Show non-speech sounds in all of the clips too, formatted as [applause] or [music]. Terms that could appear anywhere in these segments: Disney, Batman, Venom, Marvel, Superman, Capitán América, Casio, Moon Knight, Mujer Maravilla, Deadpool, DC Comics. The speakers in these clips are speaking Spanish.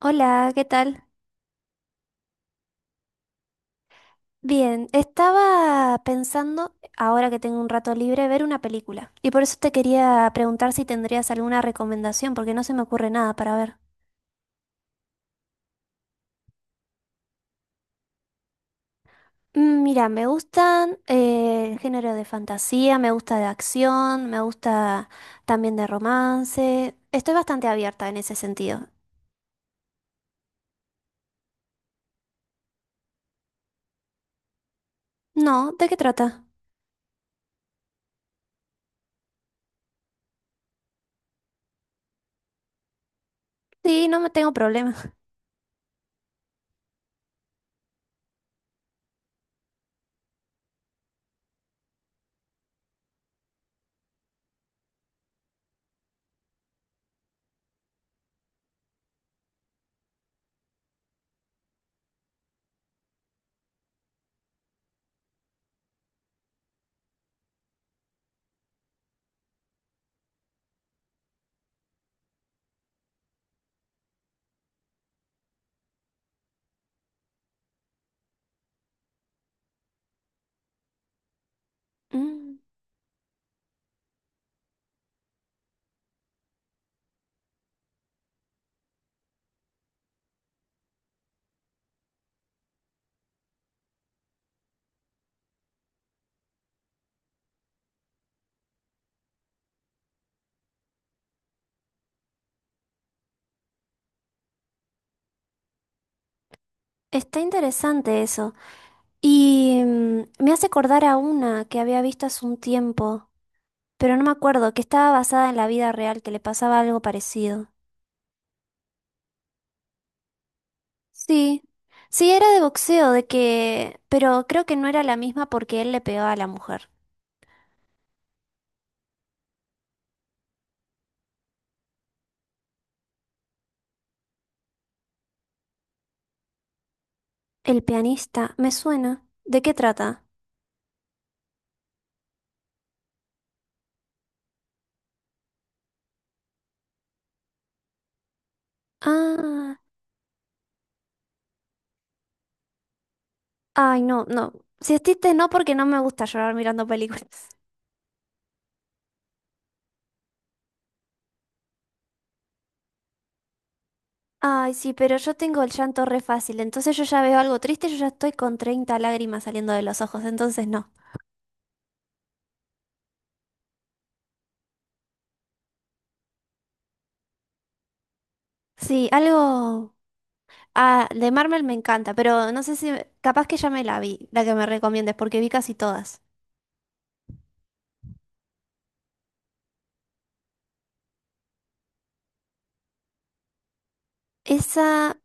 Hola, ¿qué tal? Bien, estaba pensando, ahora que tengo un rato libre, ver una película. Y por eso te quería preguntar si tendrías alguna recomendación, porque no se me ocurre nada para ver. Mm, mira, me gustan el género de fantasía, me gusta de acción, me gusta también de romance. Estoy bastante abierta en ese sentido. No, ¿de qué trata? Sí, no me tengo problema. [laughs] Mm, está interesante eso. Y me hace acordar a una que había visto hace un tiempo, pero no me acuerdo, que estaba basada en la vida real, que le pasaba algo parecido. Sí, sí, era de boxeo, de que... pero creo que no era la misma porque él le pegaba a la mujer. El pianista, me suena. ¿De qué trata? Ah, ay, no, no. Si es triste, no, porque no me gusta llorar mirando películas. [laughs] Ay, sí, pero yo tengo el llanto re fácil, entonces yo ya veo algo triste, yo ya estoy con 30 lágrimas saliendo de los ojos, entonces no. Sí, algo... Ah, de Marvel me encanta, pero no sé si... Capaz que ya me la vi, la que me recomiendes, porque vi casi todas. Esa...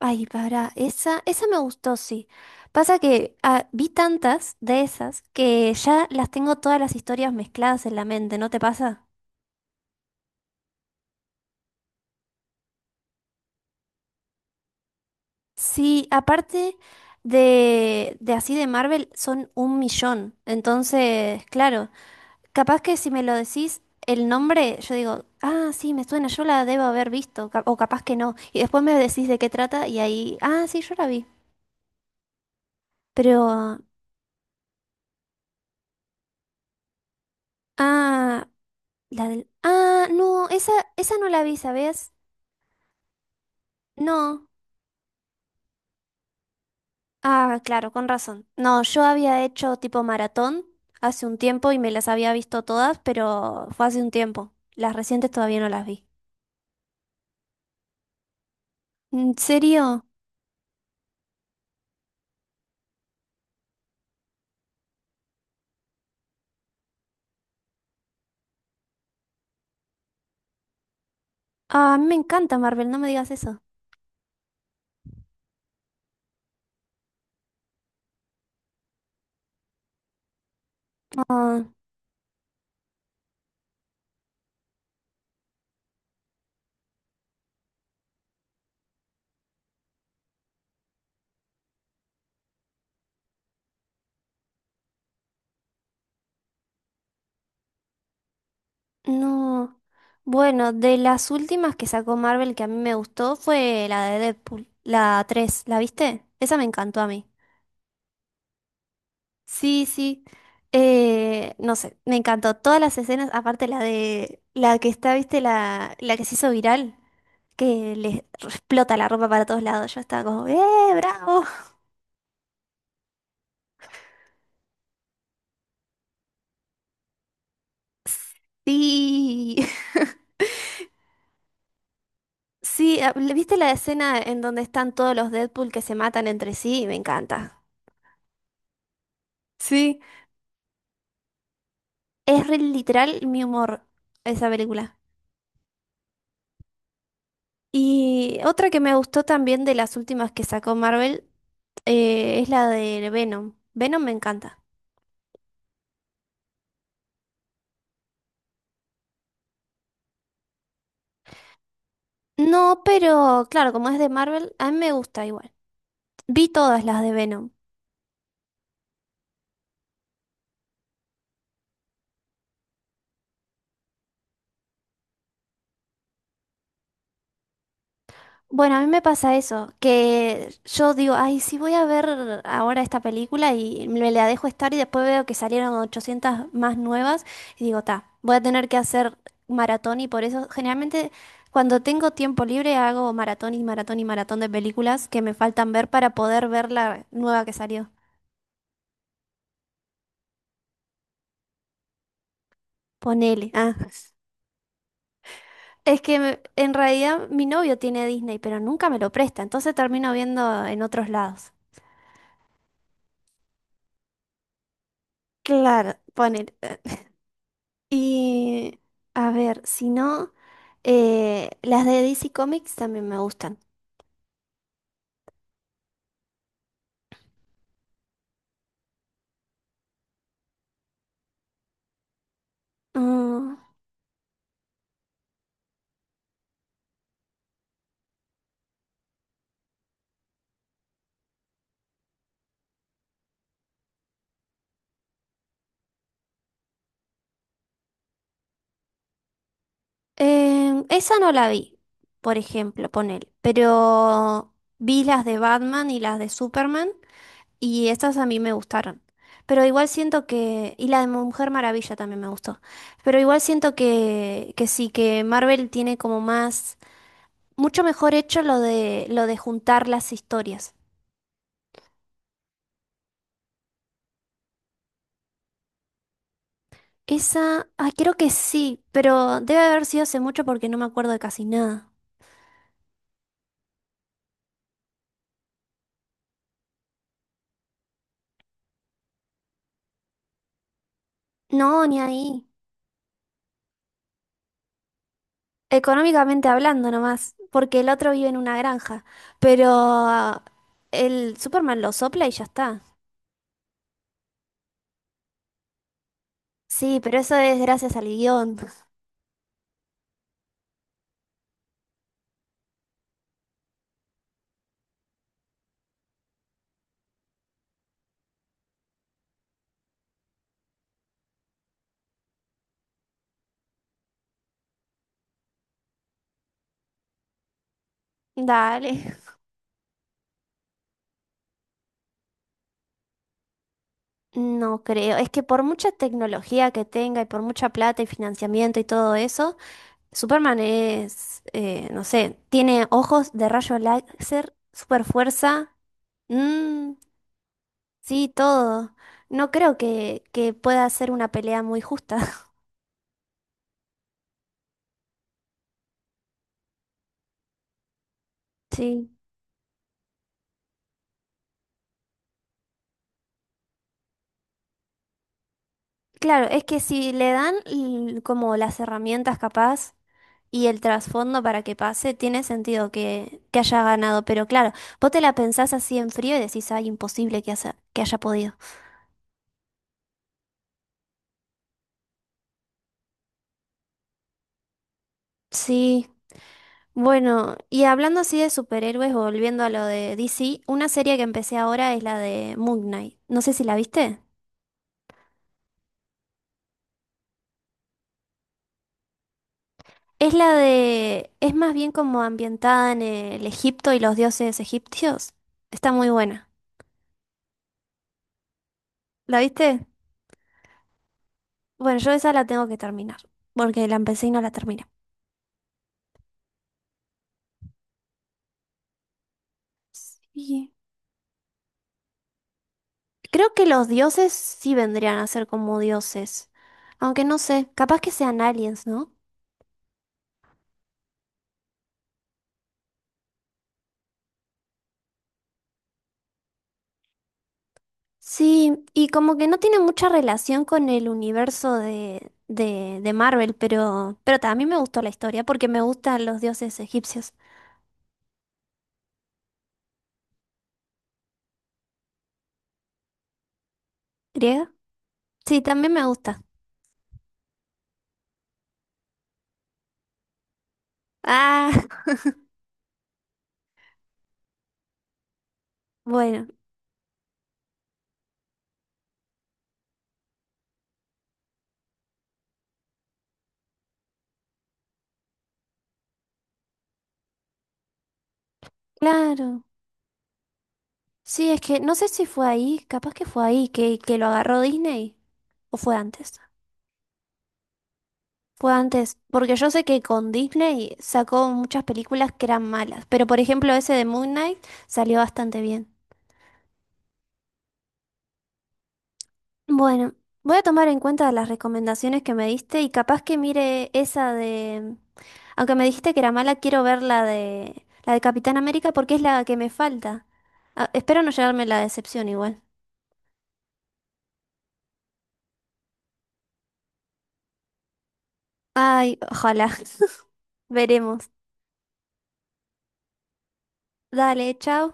Ay, para, esa me gustó, sí. Pasa que vi tantas de esas que ya las tengo todas las historias mezcladas en la mente, ¿no te pasa? Sí, aparte de así de Marvel son un millón. Entonces, claro, capaz que si me lo decís el nombre, yo digo, ah, sí, me suena, yo la debo haber visto, o capaz que no. Y después me decís de qué trata y ahí, ah, sí, yo la vi. Pero, ah, la del, ah, no, esa no la vi, ¿sabes? No. Ah, claro, con razón. No, yo había hecho tipo maratón hace un tiempo y me las había visto todas, pero fue hace un tiempo. Las recientes todavía no las vi. ¿En serio? Ah, a mí me encanta Marvel, no me digas eso. Ah. No. Bueno, de las últimas que sacó Marvel que a mí me gustó fue la de Deadpool, la tres, ¿la viste? Esa me encantó a mí. Sí, sí. No sé, me encantó todas las escenas, aparte la de la que está, ¿viste? La que se hizo viral, que le explota la ropa para todos lados. Yo estaba como, ¡eh, bravo! Sí. [laughs] Sí, a- ¿viste la escena en donde están todos los Deadpool que se matan entre sí? Me encanta. Sí. Es re literal mi humor esa película. Y otra que me gustó también de las últimas que sacó Marvel es la de Venom. Venom me encanta. No, pero claro, como es de Marvel, a mí me gusta igual. Vi todas las de Venom. Bueno, a mí me pasa eso, que yo digo, ay, sí voy a ver ahora esta película y me la dejo estar y después veo que salieron 800 más nuevas y digo, ta, voy a tener que hacer maratón y por eso generalmente cuando tengo tiempo libre hago maratón y maratón y maratón de películas que me faltan ver para poder ver la nueva que salió. Ponele. Ah. Es que en realidad mi novio tiene Disney, pero nunca me lo presta, entonces termino viendo en otros lados. Claro, ponele. Y a ver, si no, las de DC Comics también me gustan. Mm, esa no la vi, por ejemplo, ponele, pero vi las de Batman y las de Superman y estas a mí me gustaron. Pero igual siento que, y la de Mujer Maravilla también me gustó, pero igual siento que sí, que Marvel tiene como más, mucho mejor hecho lo de juntar las historias. Esa, ay, creo que sí, pero debe haber sido hace mucho porque no me acuerdo de casi nada. No, ni ahí. Económicamente hablando nomás, porque el otro vive en una granja, pero el Superman lo sopla y ya está. Sí, pero eso es gracias al guión. [laughs] Dale. No creo, es que por mucha tecnología que tenga y por mucha plata y financiamiento y todo eso, Superman es, no sé, tiene ojos de rayo láser, super fuerza. Sí, todo. No creo que pueda ser una pelea muy justa. [laughs] Sí. Claro, es que si le dan como las herramientas capaz y el trasfondo para que pase, tiene sentido que haya ganado. Pero claro, vos te la pensás así en frío y decís, ay, imposible que haya podido. Sí. Bueno, y hablando así de superhéroes, volviendo a lo de DC, una serie que empecé ahora es la de Moon Knight. No sé si la viste. Es la de... Es más bien como ambientada en el Egipto y los dioses egipcios. Está muy buena. ¿La viste? Bueno, yo esa la tengo que terminar, porque la empecé y no la terminé. Sí. Creo que los dioses sí vendrían a ser como dioses. Aunque no sé, capaz que sean aliens, ¿no? Sí, y como que no tiene mucha relación con el universo de Marvel, pero también me gustó la historia porque me gustan los dioses egipcios. ¿Griega? Sí, también me gusta. Ah, [laughs] bueno, claro. Sí, es que no sé si fue ahí, capaz que fue ahí que lo agarró Disney. ¿O fue antes? Fue antes, porque yo sé que con Disney sacó muchas películas que eran malas, pero por ejemplo ese de Moon Knight salió bastante bien. Bueno, voy a tomar en cuenta las recomendaciones que me diste y capaz que mire esa de... Aunque me dijiste que era mala, quiero ver la de Capitán América porque es la que me falta. Ah, espero no llevarme la decepción igual. Ay, ojalá. [laughs] Veremos. Dale, chao.